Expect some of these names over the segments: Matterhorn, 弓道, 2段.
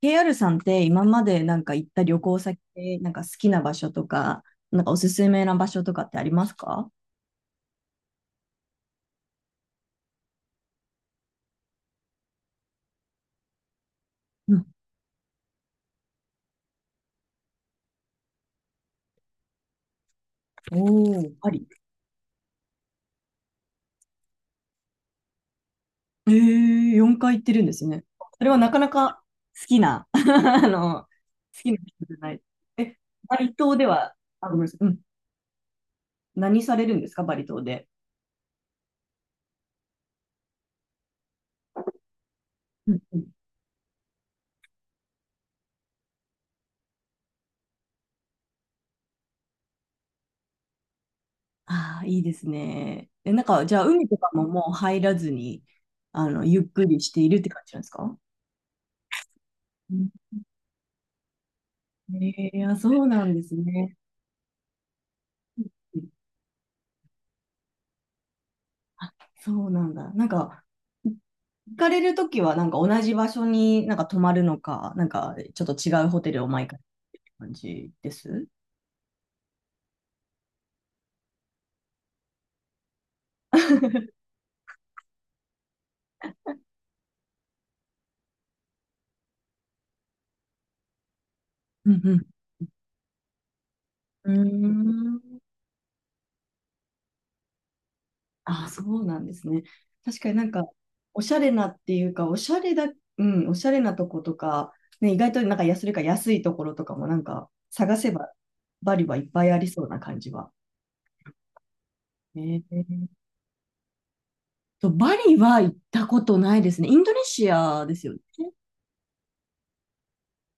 KR さんって今まで行った旅行先で好きな場所とか、おすすめな場所とかってありますか？うん、おーパリ。えー、4回行ってるんですね。それはなかなか好きな、好きな人じゃない。え、バリ島では、あ、ごめんなさい。うん。何されるんですか、バリ島で。うんうん。ああ、いいですね。え、じゃあ、海とかももう入らずに、あの、ゆっくりしているって感じなんですか？うん。えー、あ、そうなんですね。うん。そうなんだ。行かれるときは、同じ場所に泊まるのか、ちょっと違うホテルを毎回って感じです。うんうん。うーん。あ、そうなんですね。確かにおしゃれなっていうか、おしゃれだ、うん、おしゃれなとことか、ね、意外と安それか安いところとかも探せば、バリはいっぱいありそうな感じは。えーバリは行ったことないですね。インドネシアですよね。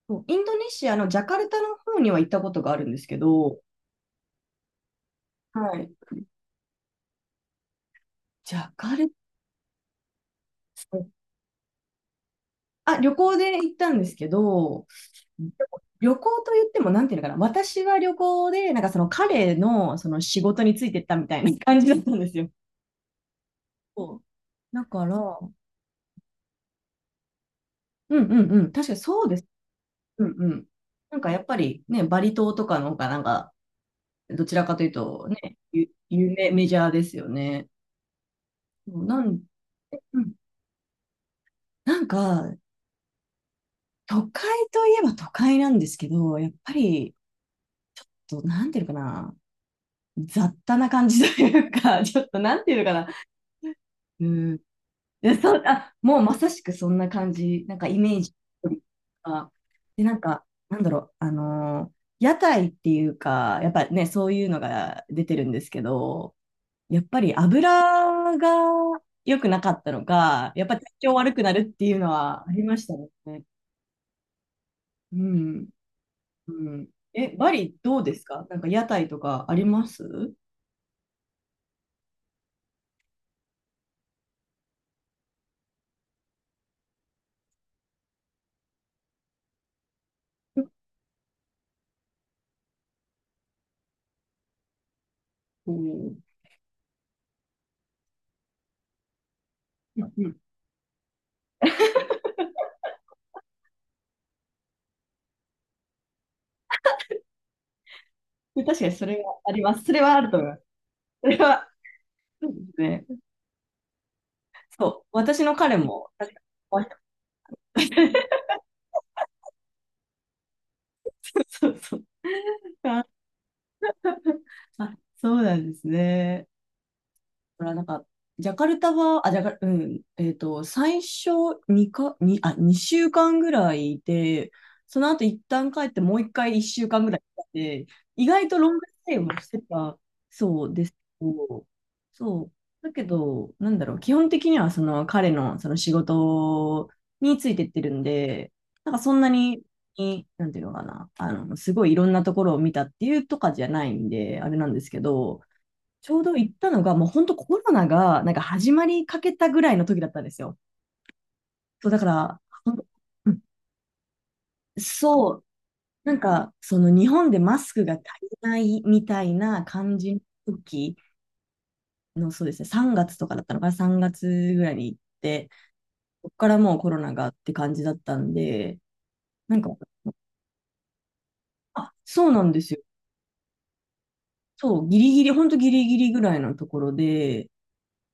そうインドネシアのジャカルタの方には行ったことがあるんですけど、はい。ジャカルタ、あ、旅行で行ったんですけど、でも旅行と言っても、なんていうのかな、私は旅行で、その彼のその仕事についてったみたいな感じだったんですよ。そうだから、うん。うんうん、確かにそうです。うんうん。やっぱりね、バリ島とかの方がなんか、どちらかというとね、有名、メジャーですよね。そうなん、うん、なんか、都会といえば都会なんですけど、やっぱり、なんていうのかな、雑多な感じというか、ちょっとなんていうのかな、うん、でそう、あ、もうまさしくそんな感じ、なんかイメージが、で、なんだろう、屋台っていうか、やっぱね、そういうのが出てるんですけど、やっぱり油が良くなかったのか、やっぱ体調悪くなるっていうのはありましたね。うん。うん。え、バリどうですか？なんか屋台とかあります？結構うんうん。確かにそれはあります。それはあると思います。それは、そうですね。そう。私の彼も、確かに そうそう。あ、あそうなんですね。ほら、ジャカルタは、あ、ジャカル、最初2か、にあ、2週間ぐらいいて、その後一旦帰ってもう一回1週間ぐらいで意外とロングステイをしてたそうですけど、そう。だけど、なんだろう、基本的にはその彼のその仕事についてってるんで、なんかそんなに、なんていうのかな、あの、すごいいろんなところを見たっていうとかじゃないんで、あれなんですけど、ちょうど行ったのが、もう本当コロナがなんか始まりかけたぐらいの時だったんですよ。そう、だから、ほんと。うん。そう、その日本でマスクが足りないみたいな感じの時の、そうですね、3月とかだったのかな、3月ぐらいに行って、そこからもうコロナがって感じだったんで、なんか、あ、そうなんですよ。そう、ギリギリ、本当ギリギリぐらいのところで、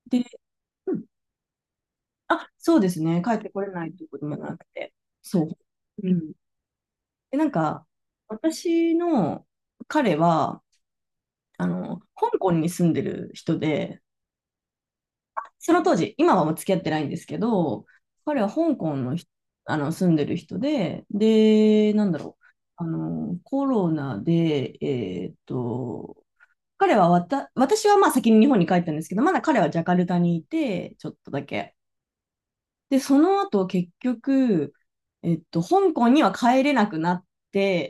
で、うん、あ、そうですね、帰ってこれないってこともなくて、そう。うん。で、私の彼は、あの、香港に住んでる人で、その当時、今はもう付き合ってないんですけど、彼は香港の人、あの、住んでる人で、で、なんだろう、あの、コロナで、彼は私はまあ先に日本に帰ったんですけど、まだ彼はジャカルタにいて、ちょっとだけ。で、その後結局、香港には帰れなくなって、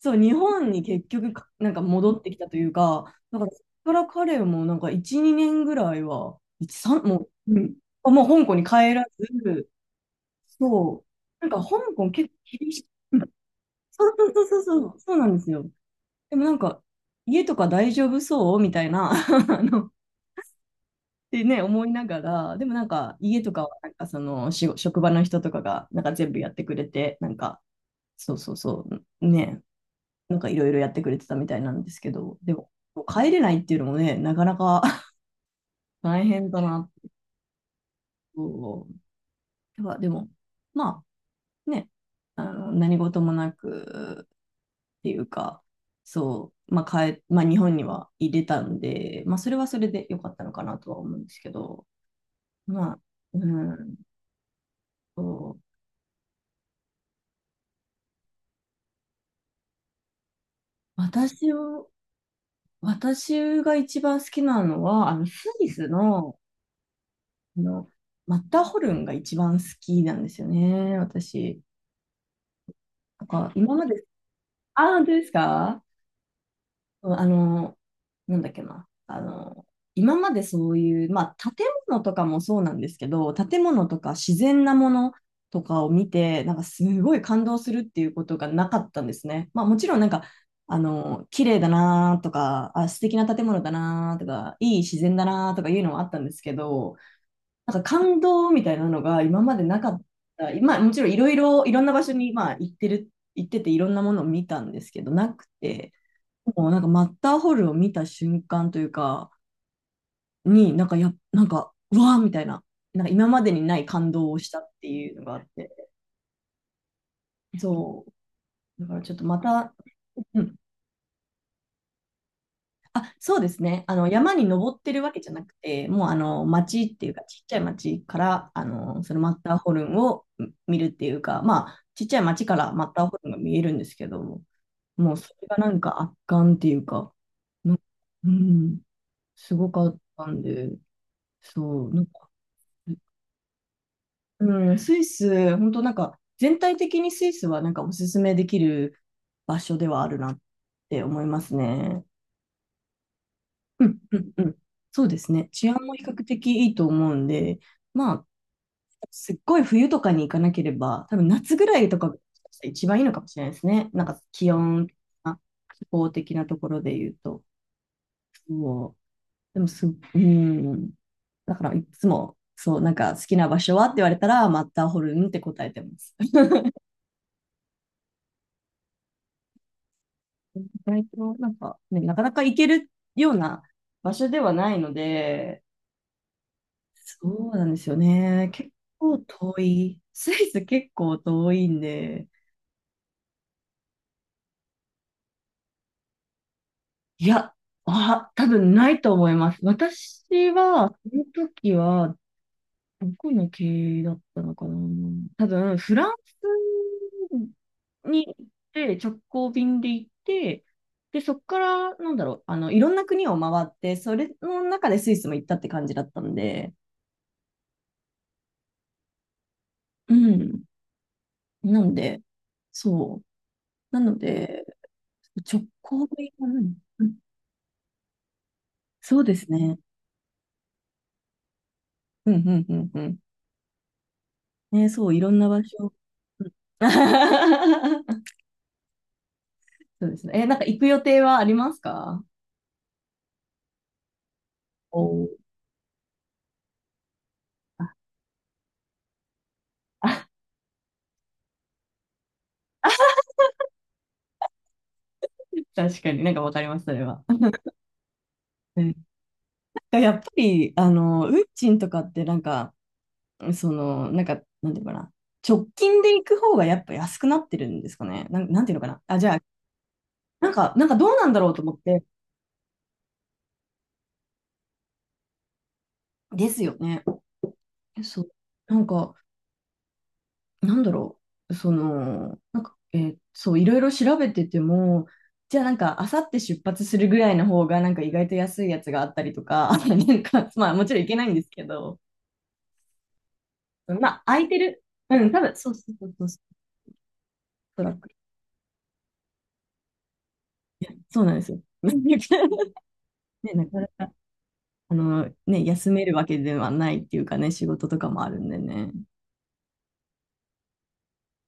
そう、日本に結局なんか戻ってきたというか、だからそこから彼も1、2年ぐらいは、1、3、もう、うん、あもう香港に帰らず、そう、なんか香港結構厳しい。うん。そうそうそうそう、そうそうなんですよ。でもなんか、家とか大丈夫そうみたいな、あの、ってね、思いながら、でもなんか、家とかは、なんかその、職場の人とかが、なんか全部やってくれて、なんか、そうそうそう、ね、なんかいろいろやってくれてたみたいなんですけど、でも、帰れないっていうのもね、なかなか 大変だなと。やっでも、まあね、あの何事もなくっていうか、そう、まあ帰まあ、日本には入れたんで、まあ、それはそれで良かったのかなとは思うんですけど、まあ、うんと、そう私を、私が一番好きなのは、あのスイスの、あのマッターホルンが一番好きなんですよね、私。なんか、今まで、ああ、本当ですか？うん。あの、なんだっけな。あの、今までそういう、まあ、建物とかもそうなんですけど、建物とか自然なものとかを見て、なんかすごい感動するっていうことがなかったんですね。まあ、もちろんなんか、あの、綺麗だなとか、あ、素敵な建物だなとか、いい自然だなとかいうのはあったんですけど、なんか感動みたいなのが今までなかった。まあもちろんいろんな場所にまあ行ってていろんなものを見たんですけど、なくて、もうなんかマッターホルを見た瞬間というか、になんかや、なんか、うわーみたいな、なんか今までにない感動をしたっていうのがあって、そう。だからちょっとまた、うん。あ、そうですね。あの、山に登ってるわけじゃなくて、もうあの、町っていうか、ちっちゃい町から、あの、そのマッターホルンを見るっていうか、まあ、ちっちゃい町からマッターホルンが見えるんですけど、もうそれがなんか圧巻っていうか、なうん、すごかったんで、そう、なんか、うん、スイス、本当なんか、全体的にスイスはなんかおすすめできる場所ではあるなって思いますね。うんうんうん。そうですね。治安も比較的いいと思うんで、まあ、すっごい冬とかに行かなければ、多分夏ぐらいとかが一番いいのかもしれないですね。なんか気温、あ気候的なところで言うと。そう。でもす、うん。だからいつも、そう、なんか好きな場所はって言われたら、マッターホルンって答えてます。意外と、なんかね、なかなか行けるような場所ではないので、そうなんですよね。結構遠い。スイス結構遠いんで。いや、あ、多分ないと思います。私は、その時は、どこの経由だったのかな。多分、フランスに行って、直行便で行って、で、そこから、なんだろう、あの、いろんな国を回って、それの中でスイスも行ったって感じだったんで、うん。なんで、そう。なので、直行便は何うん、そうですね。うんうんうんうん。ね、そう、いろんな場所。うん。 そうですね。え、なんか行く予定はありますか？おー。あ、確かになんかわかります、それは。うん、やっぱり、あの、運賃とかってなんか、その、なんか、なんていうのかな。直近で行く方がやっぱ安くなってるんですかね。なんていうのかな。あ、じゃあ、なんかどうなんだろうと思って。ですよね。そう。なんか、なんだろう、その、なんか、そう、いろいろ調べてても、じゃあなんか、あさって出発するぐらいの方が、なんか意外と安いやつがあったりとか、なんか、まあもちろんいけないんですけど、まあ空いてる、うん、多分、そうそうそうそう、トラック。いやそうなんですよ。ね、なかなか、あの、ね、休めるわけではないっていうかね、仕事とかもあるんでね。